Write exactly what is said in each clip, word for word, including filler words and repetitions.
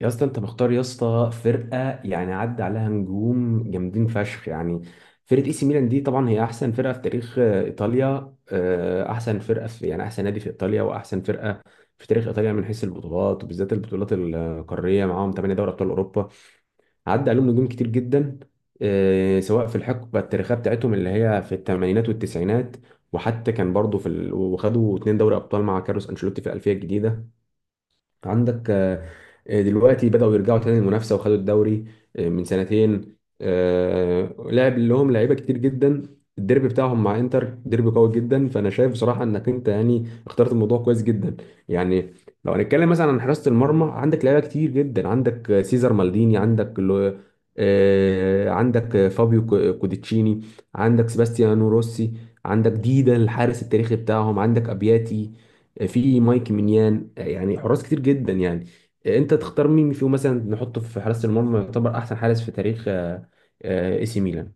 يا اسطى، انت مختار يا اسطى فرقه يعني عدى عليها نجوم جامدين فشخ يعني. فرقه اي سي ميلان دي طبعا هي احسن فرقه في تاريخ آه، ايطاليا، آه، احسن فرقه في يعني احسن نادي في ايطاليا واحسن فرقه في تاريخ ايطاليا من حيث البطولات وبالذات البطولات القاريه. معاهم ثمانية دوري ابطال اوروبا. عدى عليهم نجوم كتير جدا، آه، سواء في الحقبه التاريخيه بتاعتهم اللي هي في الثمانينات والتسعينات. وحتى كان برضه في ال... وخدوا اتنين دوري ابطال مع كارلوس انشيلوتي في الالفيه الجديده. عندك. آه، دلوقتي بدأوا يرجعوا تاني المنافسة وخدوا الدوري آه، من سنتين. آه، لعب لهم لعيبة كتير جدا. الديربي بتاعهم مع انتر ديربي قوي جدا، فانا شايف بصراحة انك انت يعني اخترت الموضوع كويس جدا يعني. لو هنتكلم مثلا عن حراسة المرمى، عندك لعيبة كتير جدا. عندك آه، سيزر مالديني، عندك لو- آه، عندك آه، فابيو كو- كوديتشيني، عندك سباستيانو روسي، عندك ديدا الحارس التاريخي بتاعهم، عندك ابياتي، في مايك مينيان. يعني حراس كتير جدا يعني. انت تختار مين فيهم مثلا نحطه في حراسة المرمى يعتبر احسن حارس في تاريخ آه، آه، اي سي ميلان.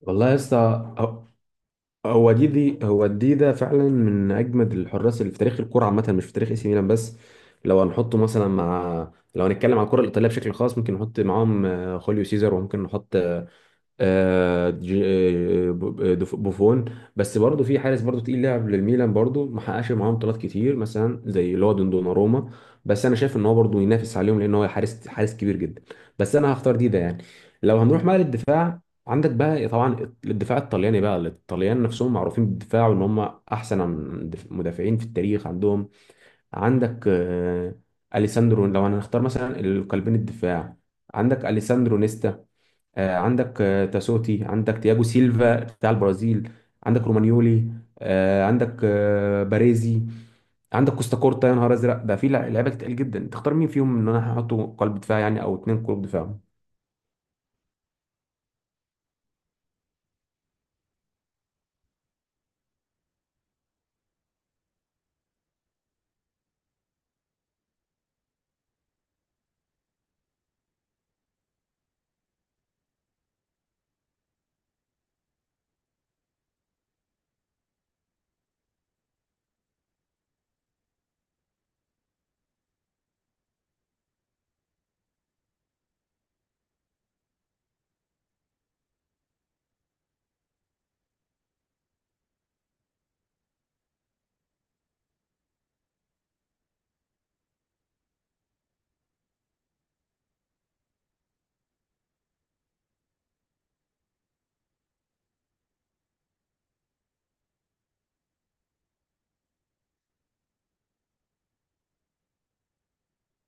والله يا اسطى، هو هو دي دي هو دي ده فعلا من اجمد الحراس اللي في تاريخ الكرة عامة، مش في تاريخ اي سي ميلان بس. لو هنحطه مثلا، مع لو هنتكلم على الكرة الإيطالية بشكل خاص، ممكن نحط معاهم آه، خوليو سيزر، وممكن نحط آه، آه، ج- آه، ب- آه، دف- بوفون. بس برضه في حارس برضه تقيل لعب للميلان برضه ما حققش معاهم بطولات كتير، مثلا زي اللي هو دوناروما. بس انا شايف ان هو برضه ينافس عليهم لان هو حارس حارس كبير جدا. بس انا هختار دي ده يعني. لو هنروح بقى للدفاع، عندك بقى طبعا الدفاع الطلياني بقى الطليان نفسهم معروفين بالدفاع، وان هم احسن عن- دف- مدافعين في التاريخ عندهم. عندك آه، اليساندرو، لو هنختار مثلا القلبين الدفاع، عندك اليساندرو نيستا، آه، عندك آه، تاسوتي، عندك تياجو سيلفا بتاع البرازيل، عندك رومانيولي، آه، عندك آه، باريزي، عندك كوستا كورتا. يا نهار ازرق، ده في لع- لعيبه كتير جدا. تختار مين فيهم ان انا هحطه قلب دفاع، يعني او اتنين قلوب دفاع.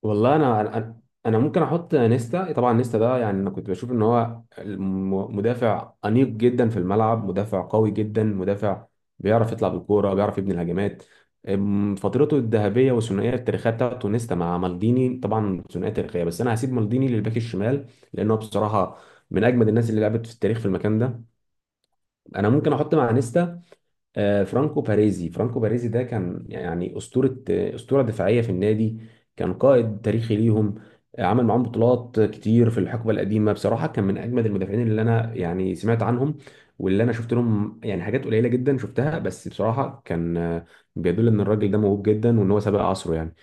والله انا انا انا ممكن احط نيستا. طبعا نيستا ده يعني انا كنت بشوف ان هو الم- مدافع انيق جدا في الملعب، مدافع قوي جدا، مدافع بيعرف يطلع بالكوره بيعرف يبني الهجمات. أم، فترته الذهبيه والثنائيه التاريخيه بتاعته نيستا مع مالديني طبعا ثنائيه تاريخيه، بس انا هسيب مالديني للباك الشمال. لانه بصراحه من اجمد الناس اللي لعبت في التاريخ في المكان ده. انا ممكن احط مع نيستا آه، فرانكو باريزي. فرانكو باريزي ده كان يعني أسطورة، آه، أسطورة دفاعية في النادي. كان قائد تاريخي ليهم. آه، عمل معاهم بطولات كتير في الحقبة القديمة. بصراحة كان من أجمد المدافعين اللي أنا يعني سمعت عنهم واللي أنا شفت لهم، يعني حاجات قليلة جدا شفتها، بس بصراحة كان آه، بيدل إن الراجل ده موهوب جدا، وإن هو سابق عصره يعني.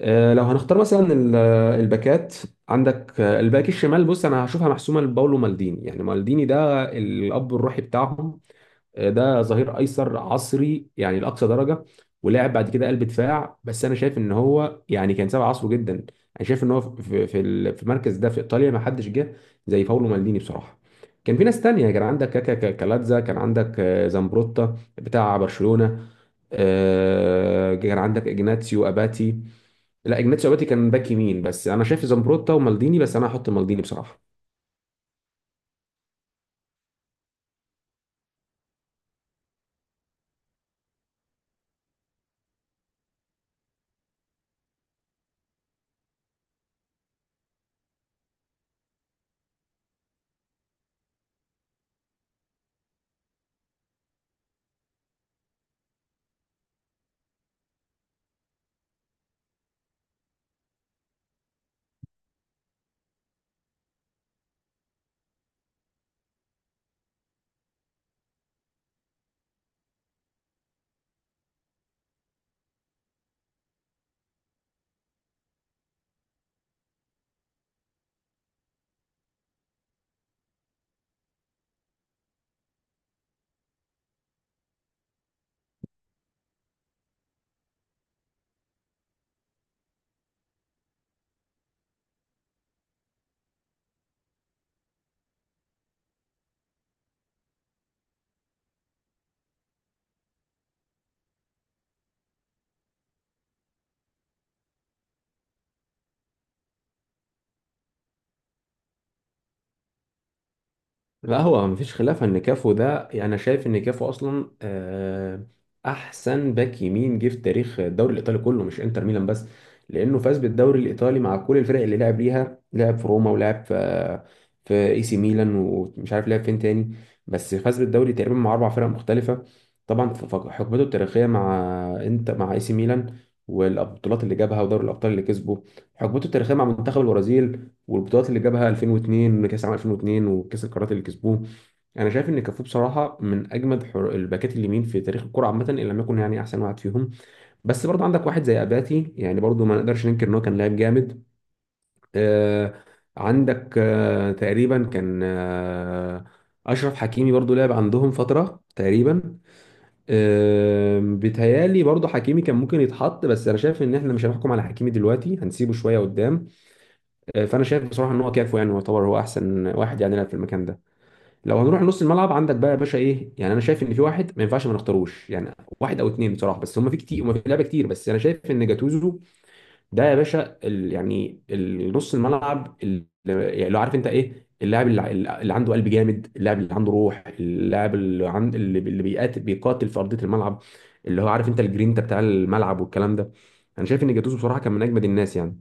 آه، لو هنختار مثلا ال- آه، الباكات. عندك آه، الباك الشمال. بص، أنا هشوفها محسومة لباولو مالديني. يعني مالديني ده الأب الروحي بتاعهم. آه، ده ظهير ايسر عصري، يعني لاقصى درجه. ولعب بعد كده قلب دفاع، بس انا شايف ان هو يعني كان سابق عصره جدا. انا شايف ان هو في في ال- في المركز ده في ايطاليا، ما حدش جه زي باولو مالديني بصراحه. كان في ناس تانية، كان عندك كاكا كا- كالاتزا، كان عندك آه، زامبروتا بتاع برشلونه، آه، كان عندك اجناتسيو اباتي. لا، اجناتسيو اباتي كان باك يمين. بس انا شايف زامبروتا ومالديني، بس انا هحط مالديني بصراحه. لا، هو مفيش خلاف ان كافو ده يعني انا شايف ان كافو اصلا آه، احسن باك يمين جه في تاريخ الدوري الايطالي كله، مش انتر ميلان بس. لانه فاز بالدوري الايطالي مع كل الفرق اللي لعب ليها، لعب في روما، ولعب في في اي سي ميلان، ومش عارف لعب فين تاني. بس فاز بالدوري تقريبا مع اربع فرق مختلفه. طبعا ف- ف- حقبته التاريخيه مع انت مع اي سي ميلان والبطولات اللي جابها ودوري الابطال اللي كسبه، حقبته التاريخيه مع منتخب البرازيل والبطولات اللي جابها ألفين و اثنين، كاس عام ألفين واتنين، وكاس القارات اللي كسبوه. انا شايف ان كافو بصراحه من اجمد حر- الباكات اليمين في تاريخ الكره عامه، ان لم يكن يعني احسن واحد فيهم. بس برضو عندك واحد زي اباتي، يعني برضو ما نقدرش ننكر ان هو كان لاعب جامد. آه عندك آه تقريبا كان آه اشرف حكيمي برضو لعب عندهم فتره تقريبا. آم، بيتهيالي برضو حكيمي كان ممكن يتحط، بس انا شايف ان احنا مش هنحكم على حكيمي دلوقتي، هنسيبه شويه قدام. آه، فانا شايف بصراحه ان هو كافو يعني يعتبر هو احسن واحد يعني يلعب في المكان ده. لو هنروح نص الملعب، عندك بقى يا باشا ايه. يعني انا شايف ان في واحد ما ينفعش ما نختاروش يعني، واحد او اتنين بصراحه، بس هم في كتير، هم في لعيبه كتير، بس انا شايف ان جاتوزو ده يا باشا، ال... يعني ال- نص الملعب اللي يعني لو عارف انت ايه اللاعب اللي اللي عنده قلب جامد، اللاعب اللي عنده روح، اللاعب اللي عند اللي اللي بيقاتل بيقاتل في ارضيه الملعب، اللي هو عارف انت الجرينتا بتاع الملعب والكلام ده. انا شايف ان جاتوزو بصراحه كان من اجمد الناس يعني.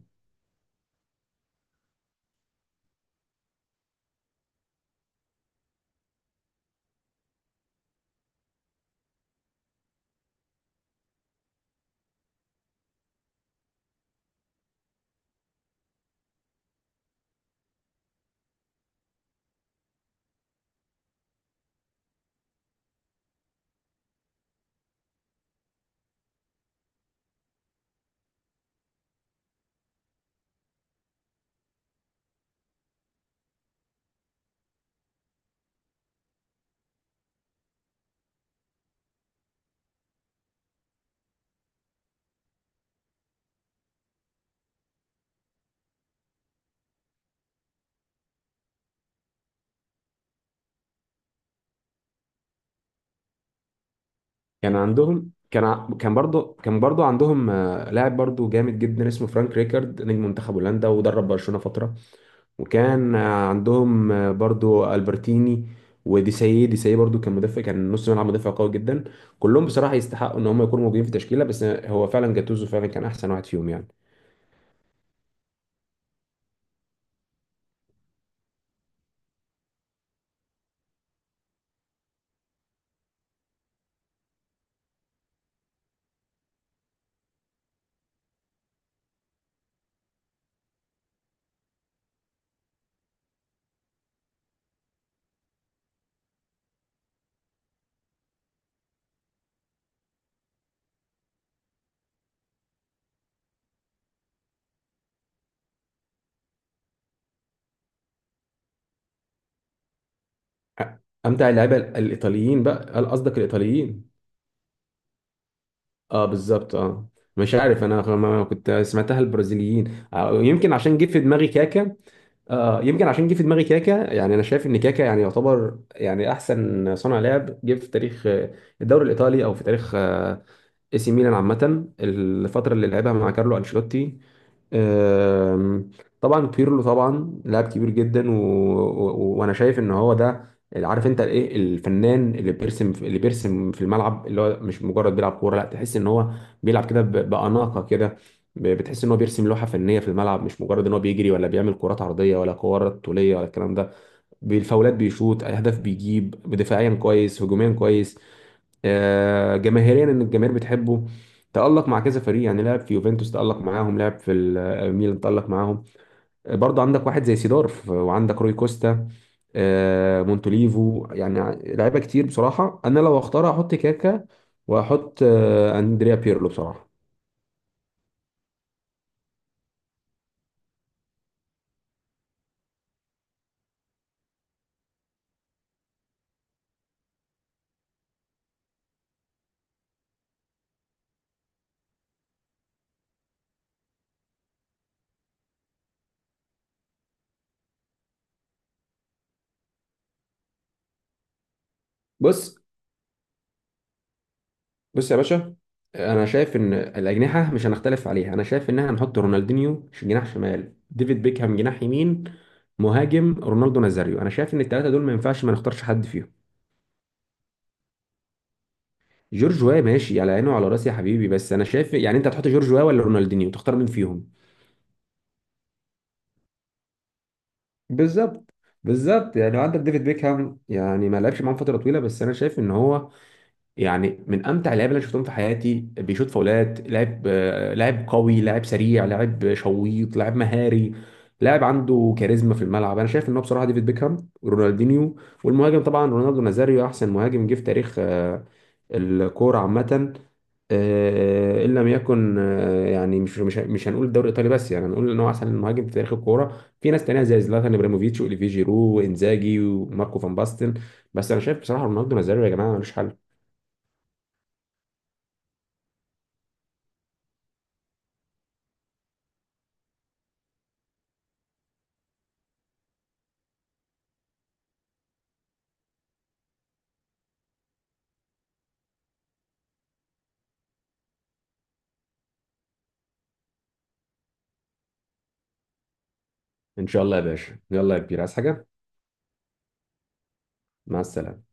كان عندهم، كان ع- كان برضه كان برضه عندهم آه، لاعب برضه جامد جدا اسمه فرانك ريكارد، نجم منتخب هولندا، ودرب برشلونة فترة. وكان آه، عندهم آه، برضه البرتيني، وديسايي. ديسايي برضه كان مدافع، كان نص ملعب مدافع قوي جدا. كلهم بصراحة يستحقوا ان هم يكونوا موجودين في تشكيلة، بس هو فعلا جاتوزو فعلا كان احسن واحد فيهم يعني. أ- امتع اللعيبة ال- الايطاليين بقى؟ هل قصدك الايطاليين؟ اه، بالظبط اه. مش عارف انا ما- ما كنت سمعتها البرازيليين. آه، يمكن عشان جه في دماغي كاكا. آه يمكن عشان جه في دماغي كاكا. يعني انا شايف ان كاكا يعني يعتبر يعني احسن صانع لعب جه في تاريخ آه، الدوري الايطالي او في تاريخ آه، اي سي ميلان عامه، الفتره اللي لعبها مع كارلو انشيلوتي. آم، طبعا بيرلو طبعا لاعب كبير جدا، و... و... وانا شايف ان هو ده عارف انت الايه، الفنان اللي بيرسم، اللي بيرسم في الملعب، اللي هو مش مجرد بيلعب كوره، لا، تحس ان هو بيلعب كده ب... باناقه كده. ب- بتحس ان هو بيرسم لوحه فنيه في الملعب، مش مجرد ان هو بيجري ولا بيعمل كرات عرضيه ولا كرات طوليه ولا الكلام ده. بالفاولات، بيشوط اهداف، بيجيب دفاعيا كويس هجوميا كويس، آه جماهيريا ان الجماهير بتحبه. تألق مع كذا فريق، يعني لعب في يوفنتوس تألق معاهم، لعب في ال- آه، ميلان تألق معاهم. آه، برضه عندك واحد زي سيدورف، وعندك روي كوستا، آه مونتوليفو. يعني لعيبه كتير بصراحه. انا لو اختار احط كاكا واحط آه اندريا بيرلو بصراحه. بص بص يا باشا، انا شايف ان الاجنحه مش هنختلف عليها. انا شايف ان احنا نحط رونالدينيو ش- جناح شمال، ديفيد بيكهام جناح يمين، مهاجم رونالدو نازاريو. انا شايف ان الثلاثه دول ما ينفعش ما نختارش حد فيهم. جورج واي ماشي على عيني وعلى راسي يا حبيبي، بس انا شايف يعني انت هتحط جورج واي ولا رونالدينيو؟ تختار مين فيهم. بالظبط. بالظبط يعني عندك ديفيد بيكهام، يعني ما لعبش معاهم فتره طويله، بس انا شايف ان هو يعني من امتع اللعيبه اللي انا شفتهم في حياتي. بيشوط فاولات، لاعب آه، لاعب قوي، لاعب سريع، لاعب شويط، لاعب مهاري، لاعب عنده كاريزما في الملعب. انا شايف ان هو بصراحه ديفيد بيكهام، رونالدينيو، والمهاجم طبعا رونالدو نازاريو، احسن مهاجم جه في تاريخ آه، الكوره عامه، آه، ان لم يكن آه، يعني مش مش مش هنقول الدوري الايطالي بس، يعني هنقول ان هو احسن مهاجم في تاريخ الكوره. في ناس تانية زي زلاتان ابراهيموفيتش واوليفيه جيرو وانزاجي وماركو فان باستن، بس انا شايف بصراحه رونالدو نازاريو يا جماعه ملوش حل. ان شاء الله يا باشا، يلا يا كبير، عايز حاجه؟ مع السلامه.